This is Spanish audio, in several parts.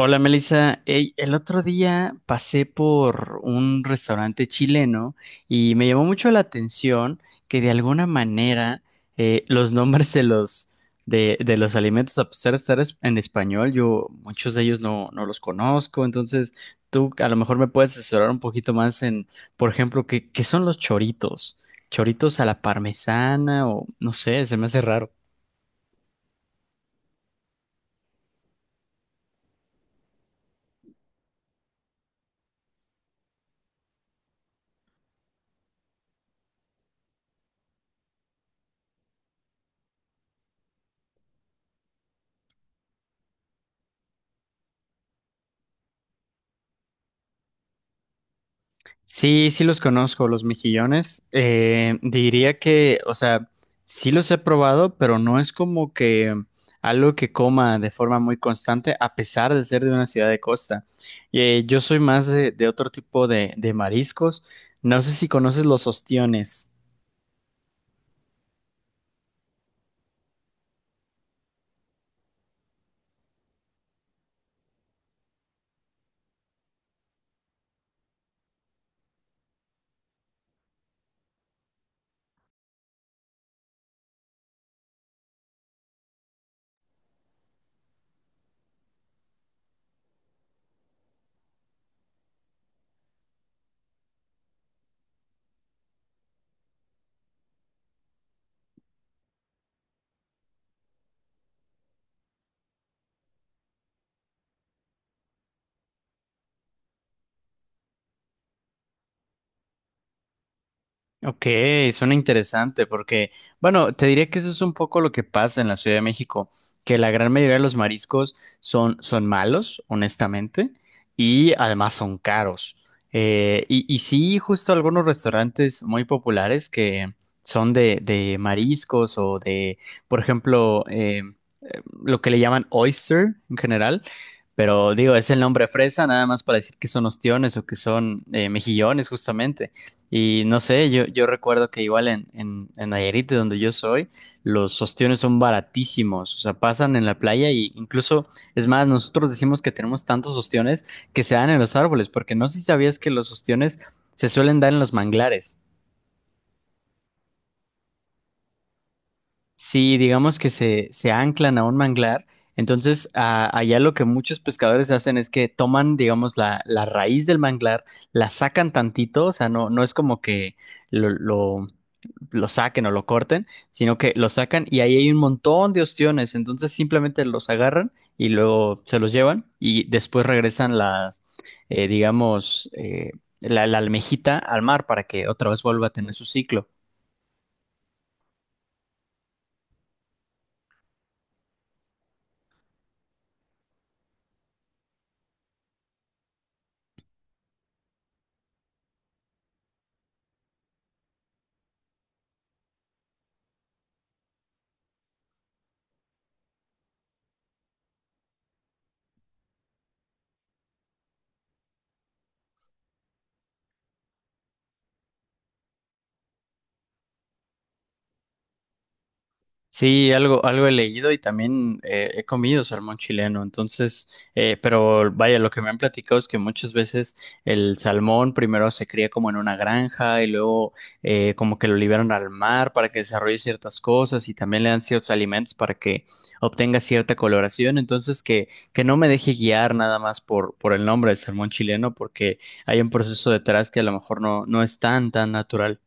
Hola Melissa, ey, el otro día pasé por un restaurante chileno y me llamó mucho la atención que de alguna manera los nombres de los alimentos, a pesar de estar en español, yo muchos de ellos no los conozco. Entonces tú a lo mejor me puedes asesorar un poquito más en, por ejemplo, qué son los choritos, choritos a la parmesana o no sé, se me hace raro. Sí, sí los conozco, los mejillones. Diría que, o sea, sí los he probado, pero no es como que algo que coma de forma muy constante, a pesar de ser de una ciudad de costa. Yo soy más de otro tipo de mariscos. No sé si conoces los ostiones. Ok, suena interesante porque, bueno, te diría que eso es un poco lo que pasa en la Ciudad de México, que la gran mayoría de los mariscos son malos, honestamente, y además son caros. Y sí, justo algunos restaurantes muy populares que son de mariscos o de, por ejemplo, lo que le llaman oyster en general, pero digo, es el nombre fresa, nada más para decir que son ostiones o que son mejillones, justamente. Y no sé, yo recuerdo que igual en Nayarit, de donde yo soy, los ostiones son baratísimos, o sea, pasan en la playa y incluso, es más, nosotros decimos que tenemos tantos ostiones que se dan en los árboles, porque no sé si sabías que los ostiones se suelen dar en los manglares. Si digamos que se anclan a un manglar, entonces allá lo que muchos pescadores hacen es que toman, digamos, la raíz del manglar, la sacan tantito, o sea, no es como que lo, lo lo saquen o lo corten, sino que lo sacan y ahí hay un montón de ostiones, entonces simplemente los agarran y luego se los llevan y después regresan las, digamos, la almejita al mar para que otra vez vuelva a tener su ciclo. Sí, algo he leído y también he comido salmón chileno, entonces, pero vaya, lo que me han platicado es que muchas veces el salmón primero se cría como en una granja y luego como que lo liberan al mar para que desarrolle ciertas cosas y también le dan ciertos alimentos para que obtenga cierta coloración, entonces que no me deje guiar nada más por el nombre del salmón chileno porque hay un proceso detrás que a lo mejor no es tan, tan natural.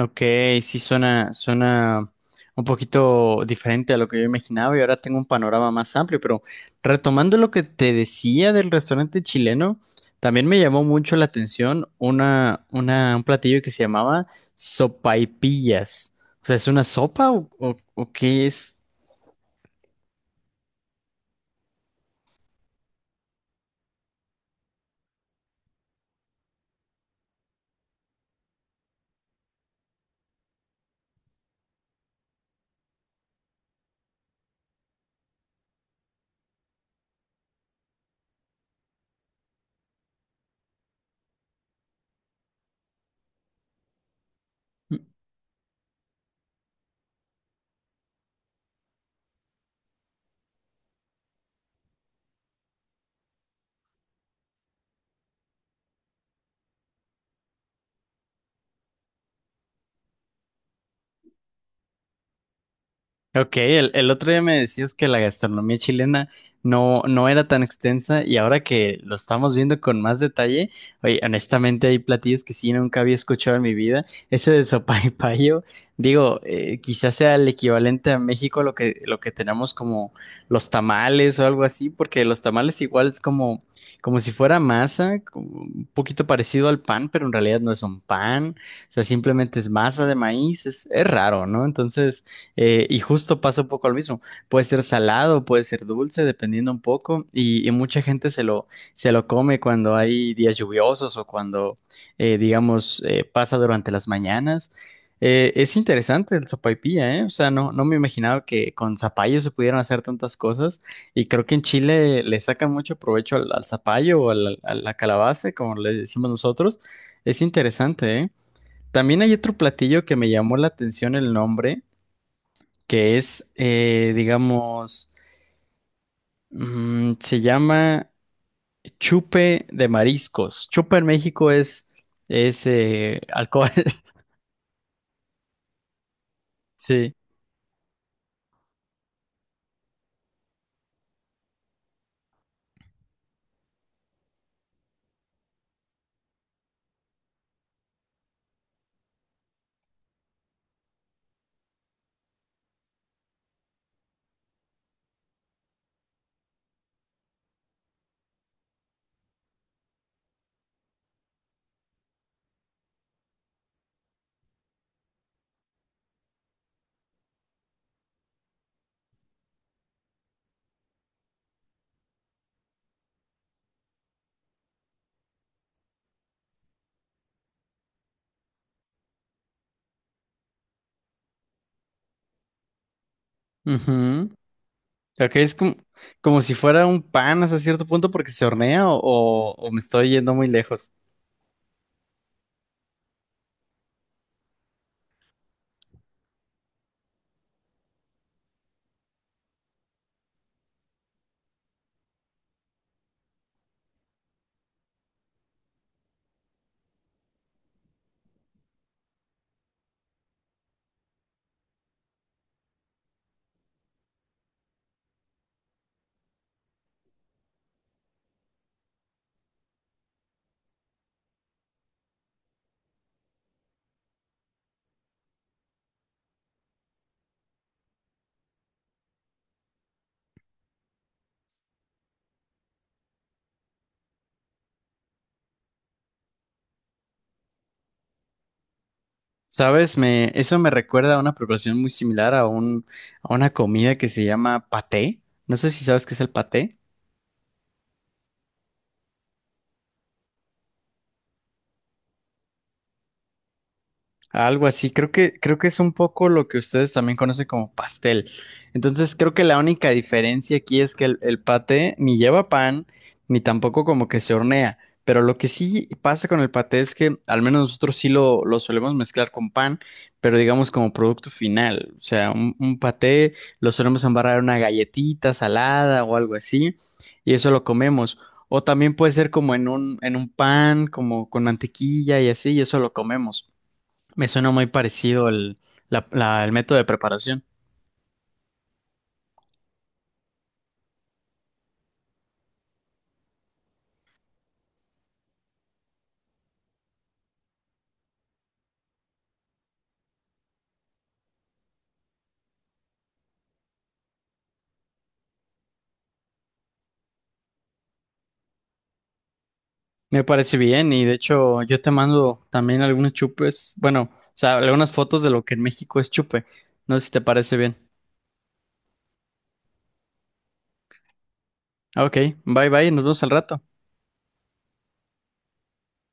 Ok, sí suena, suena un poquito diferente a lo que yo imaginaba y ahora tengo un panorama más amplio, pero retomando lo que te decía del restaurante chileno, también me llamó mucho la atención un platillo que se llamaba sopaipillas. O sea, ¿es una sopa o qué es? Ok, el otro día me decías que la gastronomía chilena no era tan extensa y ahora que lo estamos viendo con más detalle, oye, honestamente hay platillos que sí nunca había escuchado en mi vida. Ese de sopaipillo, digo, quizás sea el equivalente a México lo lo que tenemos como los tamales o algo así, porque los tamales igual es como, como si fuera masa, como un poquito parecido al pan, pero en realidad no es un pan, o sea, simplemente es masa de maíz, es raro, ¿no? Entonces y justo pasa un poco lo mismo. Puede ser salado, puede ser dulce, dependiendo un poco. Y mucha gente se lo come cuando hay días lluviosos o cuando, digamos, pasa durante las mañanas. Es interesante el sopaipilla, ¿eh? O sea, no, no me imaginaba que con zapallo se pudieran hacer tantas cosas. Y creo que en Chile le sacan mucho provecho al zapallo o a la calabaza, como le decimos nosotros. Es interesante, ¿eh? También hay otro platillo que me llamó la atención el nombre que es, digamos, mm, se llama chupe de mariscos. Chupe en México es, alcohol. Sí. Ujú. Creo es como, como si fuera un pan hasta cierto punto porque se hornea o, o me estoy yendo muy lejos. ¿Sabes? Me, eso me recuerda a una preparación muy similar a un, a una comida que se llama paté. No sé si sabes qué es el paté. Algo así, creo que es un poco lo que ustedes también conocen como pastel. Entonces, creo que la única diferencia aquí es que el paté ni lleva pan, ni tampoco como que se hornea. Pero lo que sí pasa con el paté es que al menos nosotros sí lo solemos mezclar con pan, pero digamos como producto final. O sea, un paté lo solemos embarrar en una galletita salada o algo así, y eso lo comemos. O también puede ser como en un pan, como con mantequilla y así, y eso lo comemos. Me suena muy parecido el, el método de preparación. Me parece bien y de hecho yo te mando también algunos chupes, bueno, o sea, algunas fotos de lo que en México es chupe. No sé si te parece bien. Ok, bye bye, nos vemos al rato.